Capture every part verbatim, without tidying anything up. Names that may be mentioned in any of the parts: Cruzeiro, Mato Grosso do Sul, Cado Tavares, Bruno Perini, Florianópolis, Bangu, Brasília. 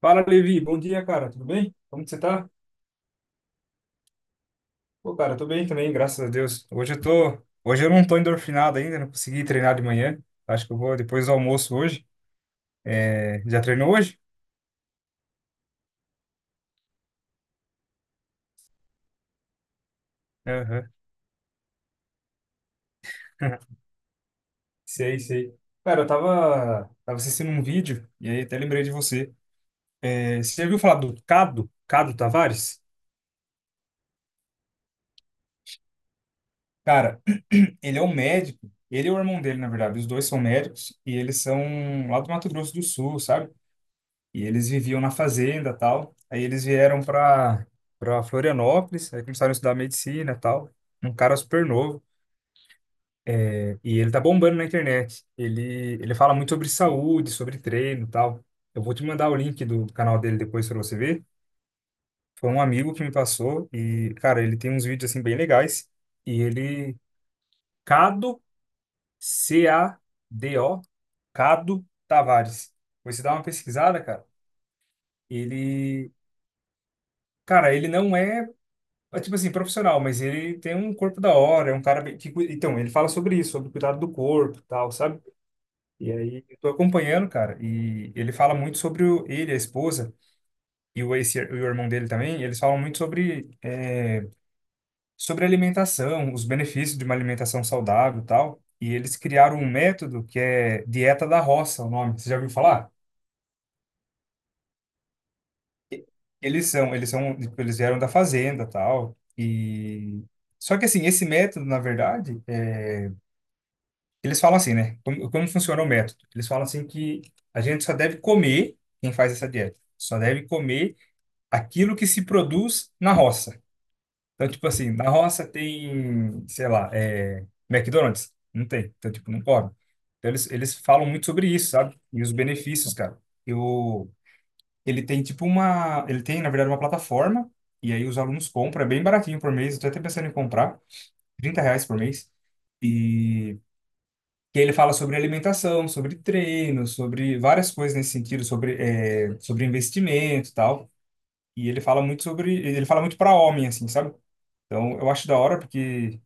Fala, Levi. Bom dia, cara. Tudo bem? Como que você tá? Pô, cara, eu tô bem também, graças a Deus. Hoje eu tô... Hoje eu não tô endorfinado ainda, não consegui treinar de manhã. Acho que eu vou depois do almoço hoje. É, já treinou hoje? Aham. Sei, sei. Cara, eu tava... tava assistindo um vídeo e aí até lembrei de você. É, você já viu falar do Cado? Cado Tavares? Cara, ele é um médico. Ele e o irmão dele, na verdade. Os dois são médicos e eles são lá do Mato Grosso do Sul, sabe? E eles viviam na fazenda, tal. Aí eles vieram para para Florianópolis, aí começaram a estudar medicina, tal. Um cara super novo e ele tá bombando na internet. Ele ele fala muito sobre saúde, sobre treino, tal. Eu vou te mandar o link do canal dele depois para você ver. Foi um amigo que me passou e, cara, ele tem uns vídeos assim bem legais. E ele Cado, C A D O, Cado Tavares. Você dá uma pesquisada, cara. Ele, cara, ele não é. É tipo assim, profissional, mas ele tem um corpo da hora, é um cara bem- que, cui- então, ele fala sobre isso, sobre o cuidado do corpo, e tal, sabe? E aí eu tô acompanhando, cara, e ele fala muito sobre o, ele, a esposa e o ex, e o irmão dele também, eles falam muito sobre é, sobre alimentação, os benefícios de uma alimentação saudável, e tal. E eles criaram um método que é dieta da roça, o nome. Você já ouviu falar? Eles são, eles são, tipo, eles vieram da fazenda, tal, e só que assim, esse método, na verdade, é, eles falam assim, né? Como, como funciona o método? Eles falam assim que a gente só deve comer, quem faz essa dieta, só deve comer aquilo que se produz na roça. Então, tipo assim, na roça tem, sei lá, é, McDonald's? Não tem. Então, tipo, não come. Então, eles, eles falam muito sobre isso, sabe? E os benefícios, cara. Eu, ele tem, tipo, uma... Ele tem, na verdade, uma plataforma, e aí os alunos compram, é bem baratinho por mês, eu tô até pensando em comprar, trinta reais por mês. E que ele fala sobre alimentação, sobre treino, sobre várias coisas nesse sentido, sobre, é, sobre investimento e tal. E ele fala muito sobre, ele fala muito para homem, assim, sabe? Então, eu acho da hora porque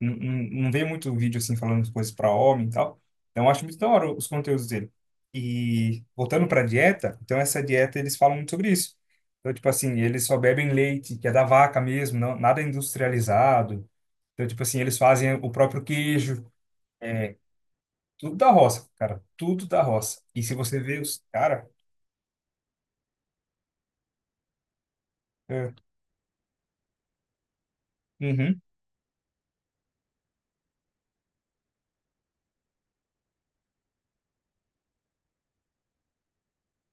não, não não vê muito vídeo, assim, falando de coisas para homem e tal. Então, eu acho muito da hora os conteúdos dele. E voltando para dieta, então essa dieta eles falam muito sobre isso. Então, tipo assim, eles só bebem leite, que é da vaca mesmo, não, nada industrializado. Então, tipo assim, eles fazem o próprio queijo, eh, tudo da roça, cara. Tudo da roça. E se você vê os. Cara. É, uhum.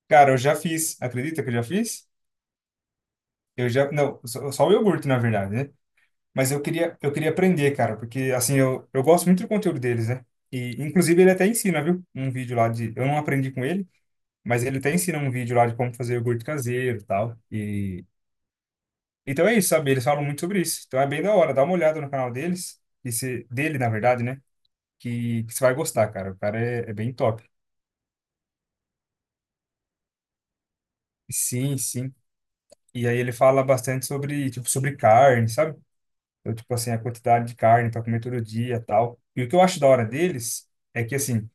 Cara, eu já fiz. Acredita que eu já fiz? Eu já. Não, só, só o iogurte, na verdade, né? Mas eu queria, eu queria aprender, cara, porque assim, eu, eu gosto muito do conteúdo deles, né? E, inclusive, ele até ensina, viu? Um vídeo lá de. Eu não aprendi com ele, mas ele até ensina um vídeo lá de como fazer iogurte caseiro e tal. E. Então é isso, sabe? Eles falam muito sobre isso. Então é bem da hora. Dá uma olhada no canal deles. E se, dele, na verdade, né? Que, que você vai gostar, cara. O cara é é bem top. Sim, sim. E aí ele fala bastante sobre, tipo, sobre carne, sabe? Então, tipo assim, a quantidade de carne para comer todo dia, tal. E o que eu acho da hora deles é que assim,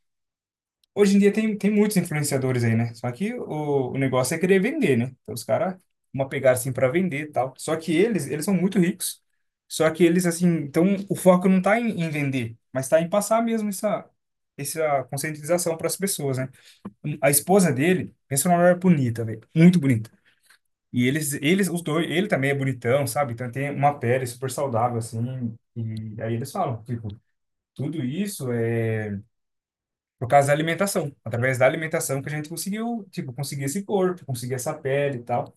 hoje em dia tem, tem muitos influenciadores aí, né? Só que o, o negócio é querer vender, né? Então os caras uma pegada assim para vender, tal. Só que eles, eles são muito ricos. Só que eles assim, então o foco não tá em, em vender, mas tá em passar mesmo essa essa conscientização para as pessoas, né? A esposa dele, pensa numa mulher bonita, velho, muito bonita. E eles, eles, os dois, ele também é bonitão, sabe? Então tem uma pele super saudável, assim. E aí eles falam, tipo, tudo isso é por causa da alimentação. Através da alimentação que a gente conseguiu, tipo, conseguir esse corpo, conseguir essa pele e tal.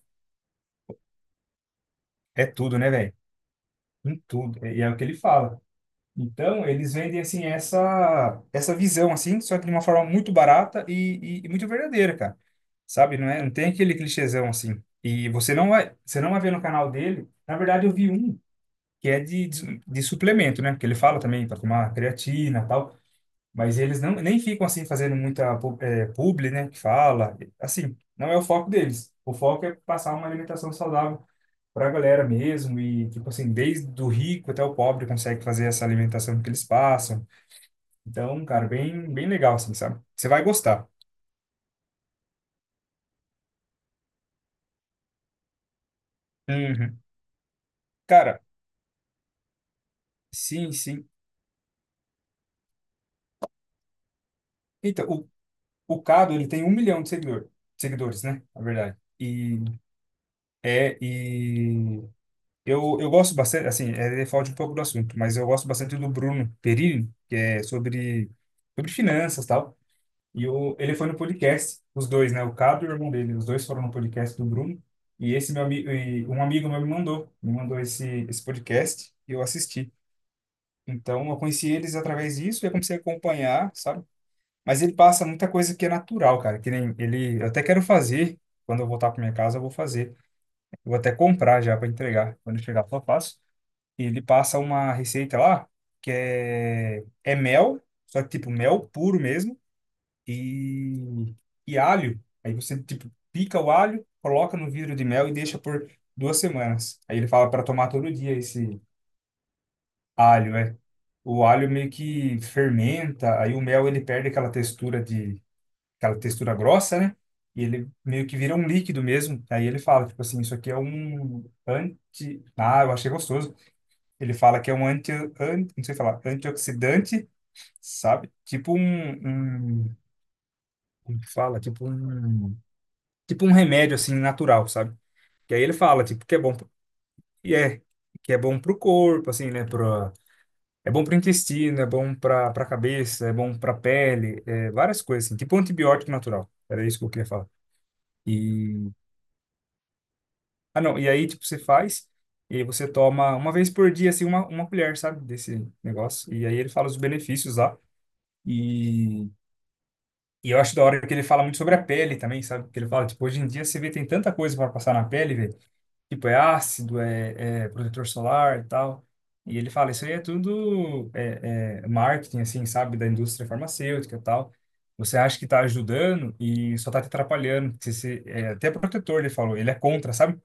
É tudo, né, velho? Em tudo. E é o que ele fala. Então, eles vendem, assim, essa, essa visão, assim, só que de uma forma muito barata e, e, e muito verdadeira, cara. Sabe? Não é, não tem aquele clichêzão, assim. E você não vai, você não vai ver no canal dele. Na verdade, eu vi um. Que é de, de, de suplemento, né? Porque ele fala também para tomar creatina e tal, mas eles não nem ficam assim fazendo muita pu- eh, publi, né? Que fala, assim, não é o foco deles. O foco é passar uma alimentação saudável para a galera mesmo e tipo assim, desde o rico até o pobre consegue fazer essa alimentação que eles passam. Então, cara, bem bem legal assim, sabe? Você vai gostar. Uhum. Cara, sim, sim. Então, o, o Cado, ele tem um milhão de seguidor, seguidores, né? Na verdade. E é, e Eu, eu gosto bastante, assim, é, é falta um pouco do assunto, mas eu gosto bastante do Bruno Perini, que é sobre, sobre finanças e tal. E o, ele foi no podcast, os dois, né? O Cabo e o irmão dele, os dois foram no podcast do Bruno. E esse meu amigo, e um amigo meu me mandou, me mandou esse, esse podcast e eu assisti. Então eu conheci eles através disso e eu comecei a acompanhar, sabe? Mas ele passa muita coisa que é natural, cara, que nem ele, eu até quero fazer, quando eu voltar para minha casa, eu vou fazer. Eu vou até comprar já para entregar, quando eu chegar, só faço. Ele passa uma receita lá que é, é mel, só que tipo mel puro mesmo, e, e alho. Aí você tipo pica o alho, coloca no vidro de mel e deixa por duas semanas. Aí ele fala para tomar todo dia esse alho, é. O alho meio que fermenta, aí o mel ele perde aquela textura de aquela textura grossa, né? E ele meio que vira um líquido mesmo. Aí ele fala, tipo assim, isso aqui é um anti... Ah, eu achei gostoso. Ele fala que é um anti, an- não sei falar, antioxidante, sabe? Tipo um, um, como que fala? Tipo um, tipo um remédio assim natural, sabe? Que aí ele fala tipo que é bom pro- e é que é bom pro corpo, assim, né, pro é bom pro intestino, é bom pra para cabeça, é bom pra pele, é várias coisas assim, tipo um antibiótico natural. Era isso que eu queria falar. E ah não, e aí tipo você faz e aí você toma uma vez por dia assim uma, uma colher, sabe, desse negócio. E aí ele fala os benefícios lá. E e eu acho da hora que ele fala muito sobre a pele também, sabe? Que ele fala, tipo, hoje em dia você vê tem tanta coisa para passar na pele, velho. Tipo, é ácido, é, é protetor solar e tal. E ele fala, isso aí é tudo é, é marketing, assim, sabe? Da indústria farmacêutica e tal. Você acha que tá ajudando e só tá te atrapalhando. Você, se- é, até protetor, ele falou, ele é contra, sabe?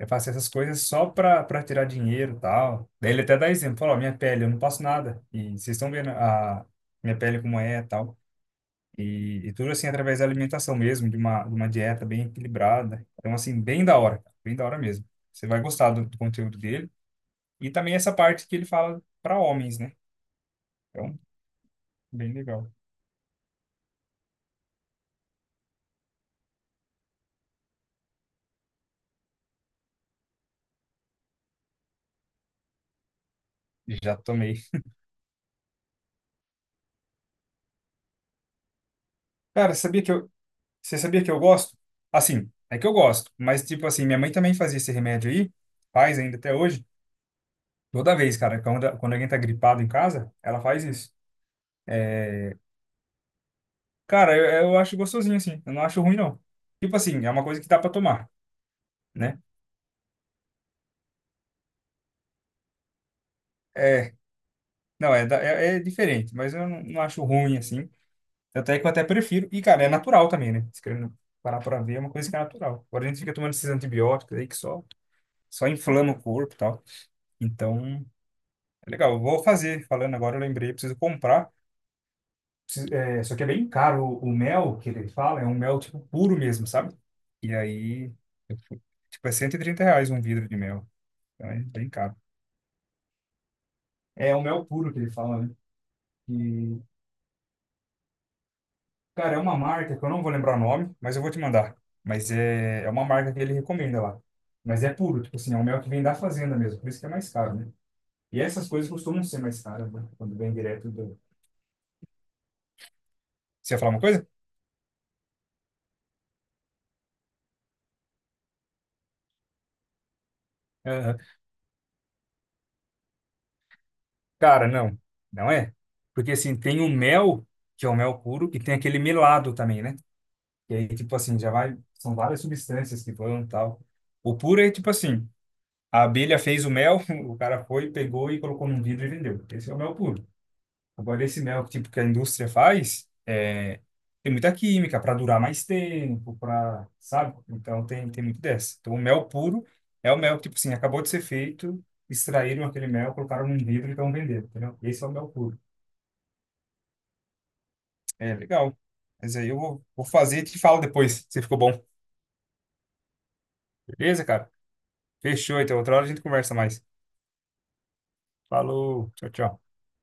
É fazer essas coisas só pra, pra tirar dinheiro e tal. Daí ele até dá exemplo, falou, ó, minha pele, eu não passo nada. E vocês estão vendo a minha pele como é e tal. E, e tudo assim através da alimentação mesmo, de uma, de uma dieta bem equilibrada. Então, assim, bem da hora, cara, bem da hora mesmo. Você vai gostar do, do conteúdo dele. E também essa parte que ele fala para homens, né? Então, bem legal. Já tomei. Cara, sabia que eu, você sabia que eu gosto? Assim, é que eu gosto, mas tipo assim, minha mãe também fazia esse remédio aí, faz ainda até hoje. Toda vez, cara, quando, quando alguém tá gripado em casa, ela faz isso. É, cara, eu, eu acho gostosinho assim, eu não acho ruim não. Tipo assim, é uma coisa que dá para tomar, né? É, não, é, da- é, é diferente, mas eu não, não acho ruim assim. Até que eu até prefiro. E, cara, é natural também, né? Se querendo parar pra ver, é uma coisa que é natural. Agora a gente fica tomando esses antibióticos aí que só, só inflama o corpo e tal. Então, é legal. Eu vou fazer. Falando agora, eu lembrei, preciso comprar. Preciso- é, só que é bem caro o, o mel que ele fala, é um mel tipo puro mesmo, sabe? E aí, eu fui- tipo, é cento e trinta reais um vidro de mel. Então é bem caro. É o mel puro que ele fala, né? Cara, é uma marca que eu não vou lembrar o nome, mas eu vou te mandar. Mas é, é uma marca que ele recomenda lá. Mas é puro, tipo assim, é um mel que vem da fazenda mesmo, por isso que é mais caro, né? E essas coisas costumam ser mais caras, né? Quando vem direto do... Você ia falar uma coisa? Aham. Cara, não. Não é. Porque assim, tem o mel, que é o mel puro, e tem aquele melado também, né? E aí, tipo assim, já vai... São várias substâncias que vão e tal. O puro é tipo assim, a abelha fez o mel, o cara foi, pegou e colocou num vidro e vendeu. Esse é o mel puro. Agora, esse mel tipo, que a indústria faz, é, tem muita química para durar mais tempo, para, sabe? Então, tem, tem muito dessa. Então, o mel puro é o mel que, tipo assim, acabou de ser feito, extraíram aquele mel, colocaram num vidro e estão vendendo, entendeu? Esse é o mel puro. É, legal. Mas aí eu vou, vou fazer e te falo depois se ficou bom. Beleza, cara? Fechou, então. Outra hora a gente conversa mais. Falou, tchau, tchau.